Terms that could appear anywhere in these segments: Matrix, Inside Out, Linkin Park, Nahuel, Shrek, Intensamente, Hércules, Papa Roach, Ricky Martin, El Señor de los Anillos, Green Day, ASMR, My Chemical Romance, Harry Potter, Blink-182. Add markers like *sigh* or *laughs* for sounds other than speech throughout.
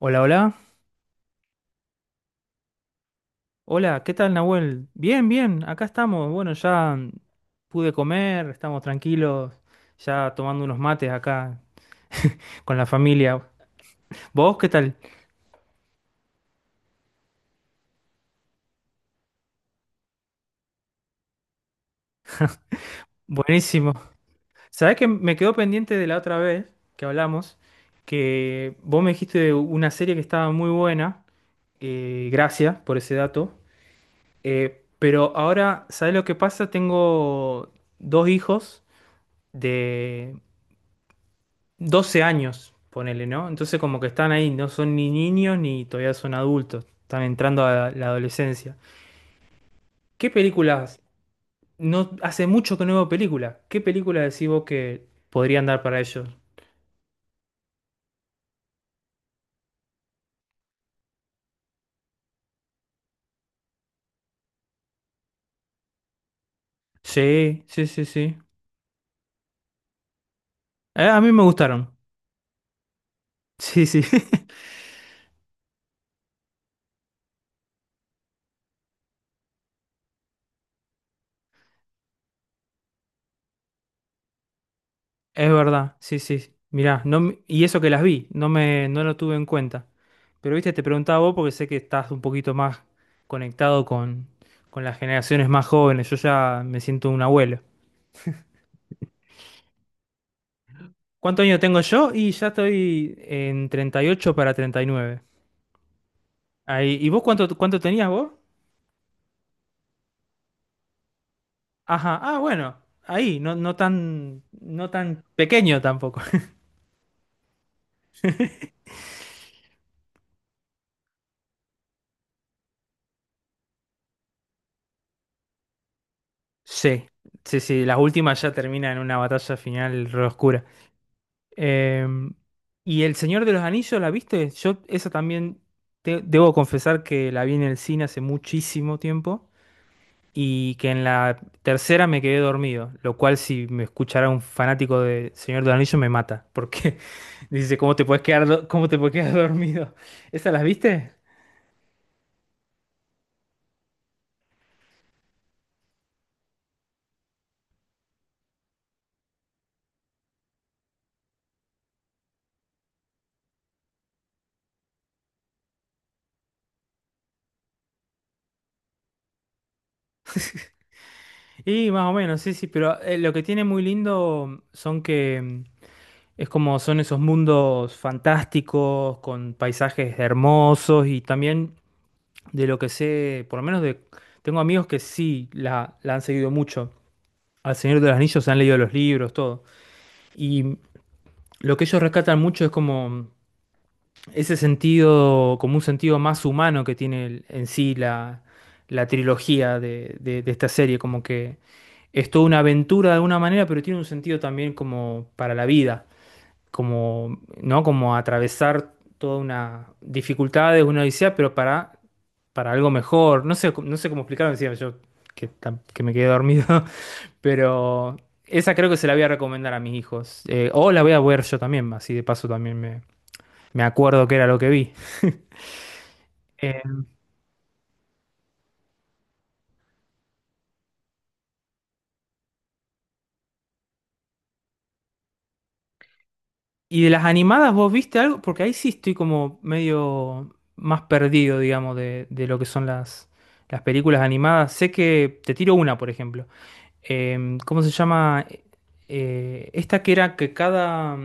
Hola, hola. Hola, ¿qué tal, Nahuel? Bien, bien, acá estamos. Bueno, ya pude comer, estamos tranquilos, ya tomando unos mates acá con la familia. ¿Vos qué tal? Buenísimo. ¿Sabés que me quedó pendiente de la otra vez que hablamos? Que vos me dijiste de una serie que estaba muy buena. Gracias por ese dato. Pero ahora, ¿sabés lo que pasa? Tengo dos hijos de 12 años, ponele, ¿no? Entonces como que están ahí, no son ni niños ni todavía son adultos, están entrando a la adolescencia. ¿Qué películas? No, hace mucho que no veo películas. ¿Qué películas decís vos que podrían dar para ellos? Sí, sí, sí, sí. A mí me gustaron. Sí, sí. *laughs* Es verdad, sí, sí. Mirá, no, y eso que las vi, no lo tuve en cuenta. Pero viste, te preguntaba vos porque sé que estás un poquito más conectado con las generaciones más jóvenes. Yo ya me siento un abuelo. ¿Cuántos años tengo yo? Y ya estoy en 38 para 39. Ahí. ¿Y vos cuánto tenías vos? Ajá, bueno, ahí, no, no tan pequeño tampoco. *laughs* Sí, sí, sí, las últimas ya terminan en una batalla final re oscura. Eh, ¿y El Señor de los Anillos la viste? Yo esa también debo confesar que la vi en el cine hace muchísimo tiempo. Y que en la tercera me quedé dormido, lo cual si me escuchara un fanático de Señor del Anillo me mata, porque *laughs* dice, ¿cómo te puedes quedar, cómo te puedes quedar *laughs* dormido? ¿Esas las viste? Y más o menos, sí, sí, pero lo que tiene muy lindo son que es como son esos mundos fantásticos, con paisajes hermosos y también de lo que sé, por lo menos tengo amigos que sí la han seguido mucho. Al Señor de los Anillos se han leído los libros, todo. Y lo que ellos rescatan mucho es como ese sentido, como un sentido más humano que tiene en sí la trilogía de esta serie, como que es toda una aventura de alguna manera, pero tiene un sentido también como para la vida, como, ¿no? Como atravesar toda una dificultad, una odisea, pero para algo mejor. No sé, no sé cómo explicarlo decía yo que, que me quedé dormido, *laughs* pero esa creo que se la voy a recomendar a mis hijos. O la voy a ver yo también, así de paso también me acuerdo que era lo que vi. Eh, y de las animadas, ¿vos viste algo? Porque ahí sí estoy como medio más perdido, digamos, de lo que son las películas animadas. Sé que te tiro una, por ejemplo. ¿Cómo se llama? Esta que era que cada...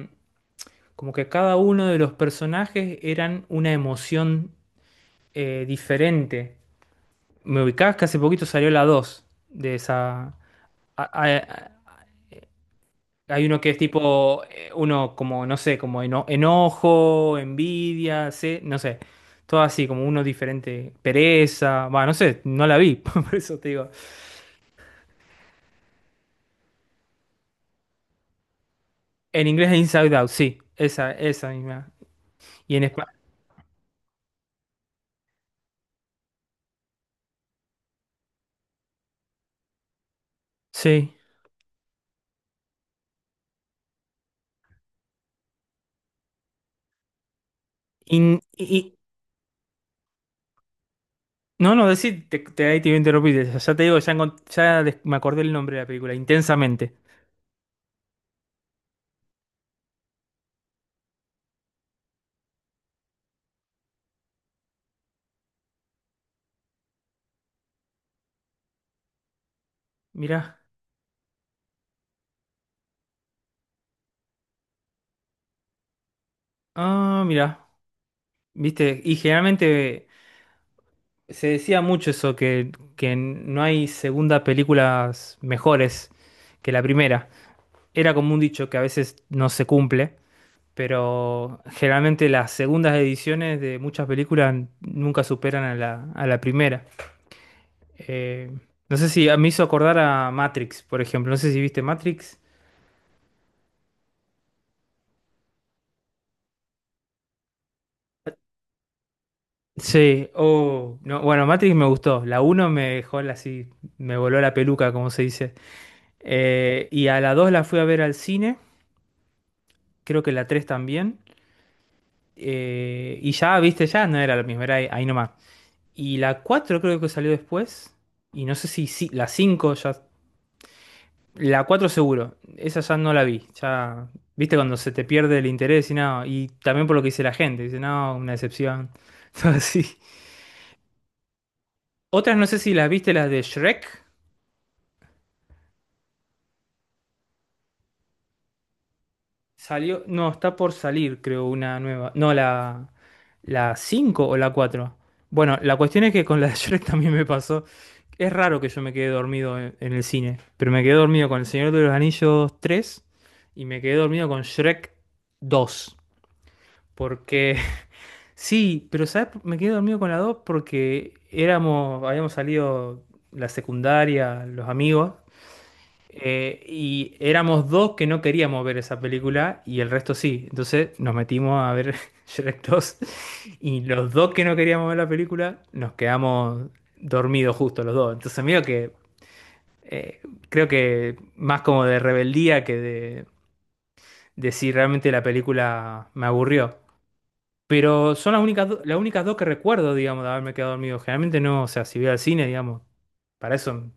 Como que cada uno de los personajes eran una emoción diferente. Me ubicás que hace poquito salió la 2 de esa. a- a- Hay uno que es tipo, uno como, no sé, como enojo, envidia, no sé. Todo así, como uno diferente. Pereza, va, no sé, no la vi, *laughs* por eso te digo. En inglés es Inside Out, sí, esa misma. Y en español, sí. In- i- No, no, decir, ahí te iba a interrumpir. Ya te digo, ya, ya me acordé el nombre de la película, Intensamente. Mirá, mirá, viste, y generalmente se decía mucho eso, que no hay segunda películas mejores que la primera. Era como un dicho que a veces no se cumple, pero generalmente las segundas ediciones de muchas películas nunca superan a la primera. Eh, no sé si me hizo acordar a Matrix, por ejemplo. No sé si viste Matrix. Sí, oh, no, bueno, Matrix me gustó. La uno me dejó así, me voló la peluca, como se dice. Y a la 2 la fui a ver al cine, creo que la 3 también. Y ya, viste, ya no era lo mismo, era ahí, ahí nomás. Y la 4 creo que salió después. Y no sé la 5 ya. La 4 seguro, esa ya no la vi. Ya, viste, cuando se te pierde el interés y nada. Y también por lo que dice la gente, dice, no, una decepción. *laughs* Todo así. Otras no sé si las viste, las de Shrek. Salió, no, está por salir, creo, una nueva. No, la 5 o la cuatro. Bueno, la cuestión es que con la de *laughs* Shrek también me pasó. Es raro que yo me quede dormido en el cine, pero me quedé dormido con El Señor de los Anillos 3 y me quedé dormido con Shrek dos. Porque, *laughs* sí, pero ¿sabes? Me quedé dormido con la 2 porque éramos, habíamos salido la secundaria, los amigos, y éramos dos que no queríamos ver esa película y el resto sí. Entonces nos metimos a ver *laughs* Shrek 2 y los dos que no queríamos ver la película nos quedamos dormidos justo los dos. Entonces mira que eh, creo que más como de rebeldía que de si realmente la película me aburrió. Pero son las únicas, las únicas dos que recuerdo, digamos, de haberme quedado dormido. Generalmente no, o sea, si voy al cine, digamos, para eso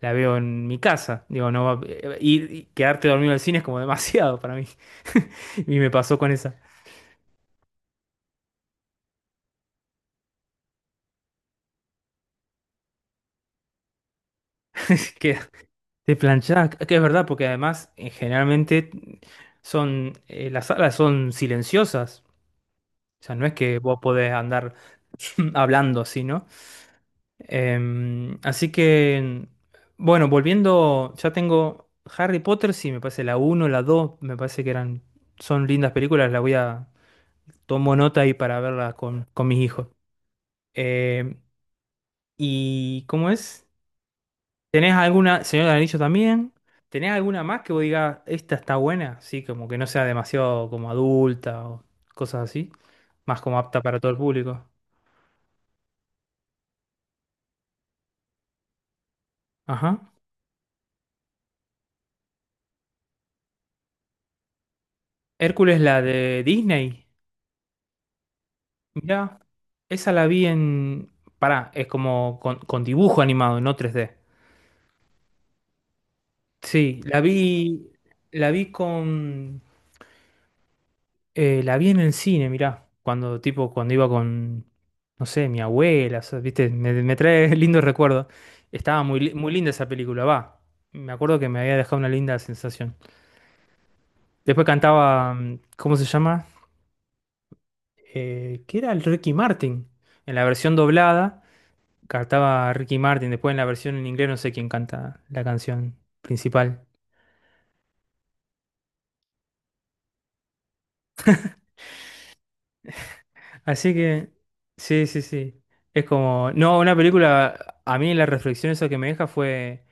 la veo en mi casa. Digo, no va- ir y quedarte dormido en el cine es como demasiado para mí. *laughs* Y me pasó con esa. *laughs* Que te planchás, que es verdad, porque además generalmente son las salas son silenciosas. O sea, no es que vos podés andar *laughs* *clears throat* hablando así, ¿no? Así que, bueno, volviendo, ya tengo Harry Potter, sí, me parece la uno la 2 me parece que eran, son lindas películas, tomo nota ahí para verlas con mis hijos. Eh, ¿Y cómo es? ¿Tenés alguna, señor del Anillo también? ¿Tenés alguna más que vos digas, esta está buena? Sí, como que no sea demasiado como adulta o cosas así. Más como apta para todo el público. Ajá. Hércules, la de Disney. Mirá, esa la vi en... Pará, es como con dibujo animado, no tres d. Sí, la vi, con. La vi en el cine, mirá, cuando tipo, cuando iba con, no sé, mi abuela, o sea, viste, me trae *laughs* lindos recuerdos. Estaba muy linda esa película, va. Me acuerdo que me había dejado una linda sensación. Después cantaba, ¿cómo se llama? ¿Qué era el Ricky Martin? En la versión doblada cantaba Ricky Martin, después en la versión en inglés no sé quién canta la canción principal. Así que, sí, sí, sí. Es como, no, una película, a mí la reflexión esa que me deja fue...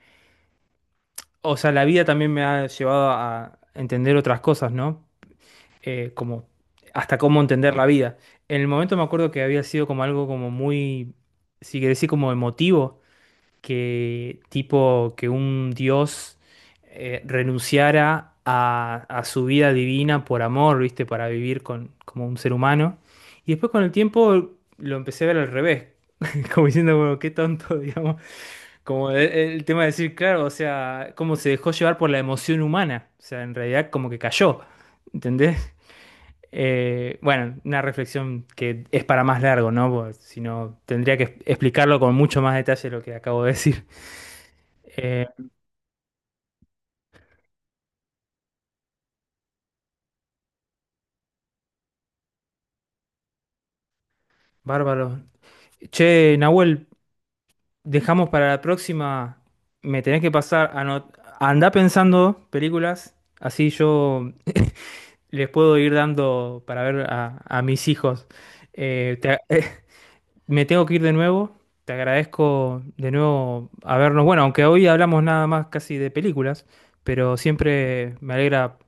O sea, la vida también me ha llevado a entender otras cosas, ¿no? Como hasta cómo entender la vida. En el momento me acuerdo que había sido como algo como muy, si querés decir, como emotivo, que tipo que un dios renunciara a su vida divina por amor, ¿viste? Para vivir como un ser humano. Y después con el tiempo lo empecé a ver al revés, *laughs* como diciendo, bueno, qué tonto, *laughs* digamos. Como el tema de decir, claro, o sea, cómo se dejó llevar por la emoción humana. O sea, en realidad como que cayó, ¿entendés? Bueno, una reflexión que es para más largo, ¿no? Porque si no, tendría que explicarlo con mucho más detalle lo que acabo de decir. Eh, bárbaro. Che, Nahuel, dejamos para la próxima. Me tenés que pasar a no... Andá pensando películas, así yo les puedo ir dando para ver a mis hijos. Eh, te- *laughs* Me tengo que ir de nuevo. Te agradezco de nuevo habernos. Bueno, aunque hoy hablamos nada más casi de películas, pero siempre me alegra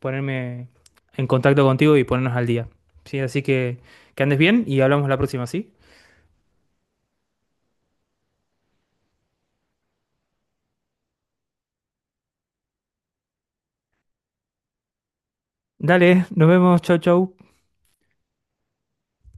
ponerme en contacto contigo y ponernos al día. Sí, así que andes bien y hablamos la próxima, ¿sí? Dale, nos vemos. Chau, chau.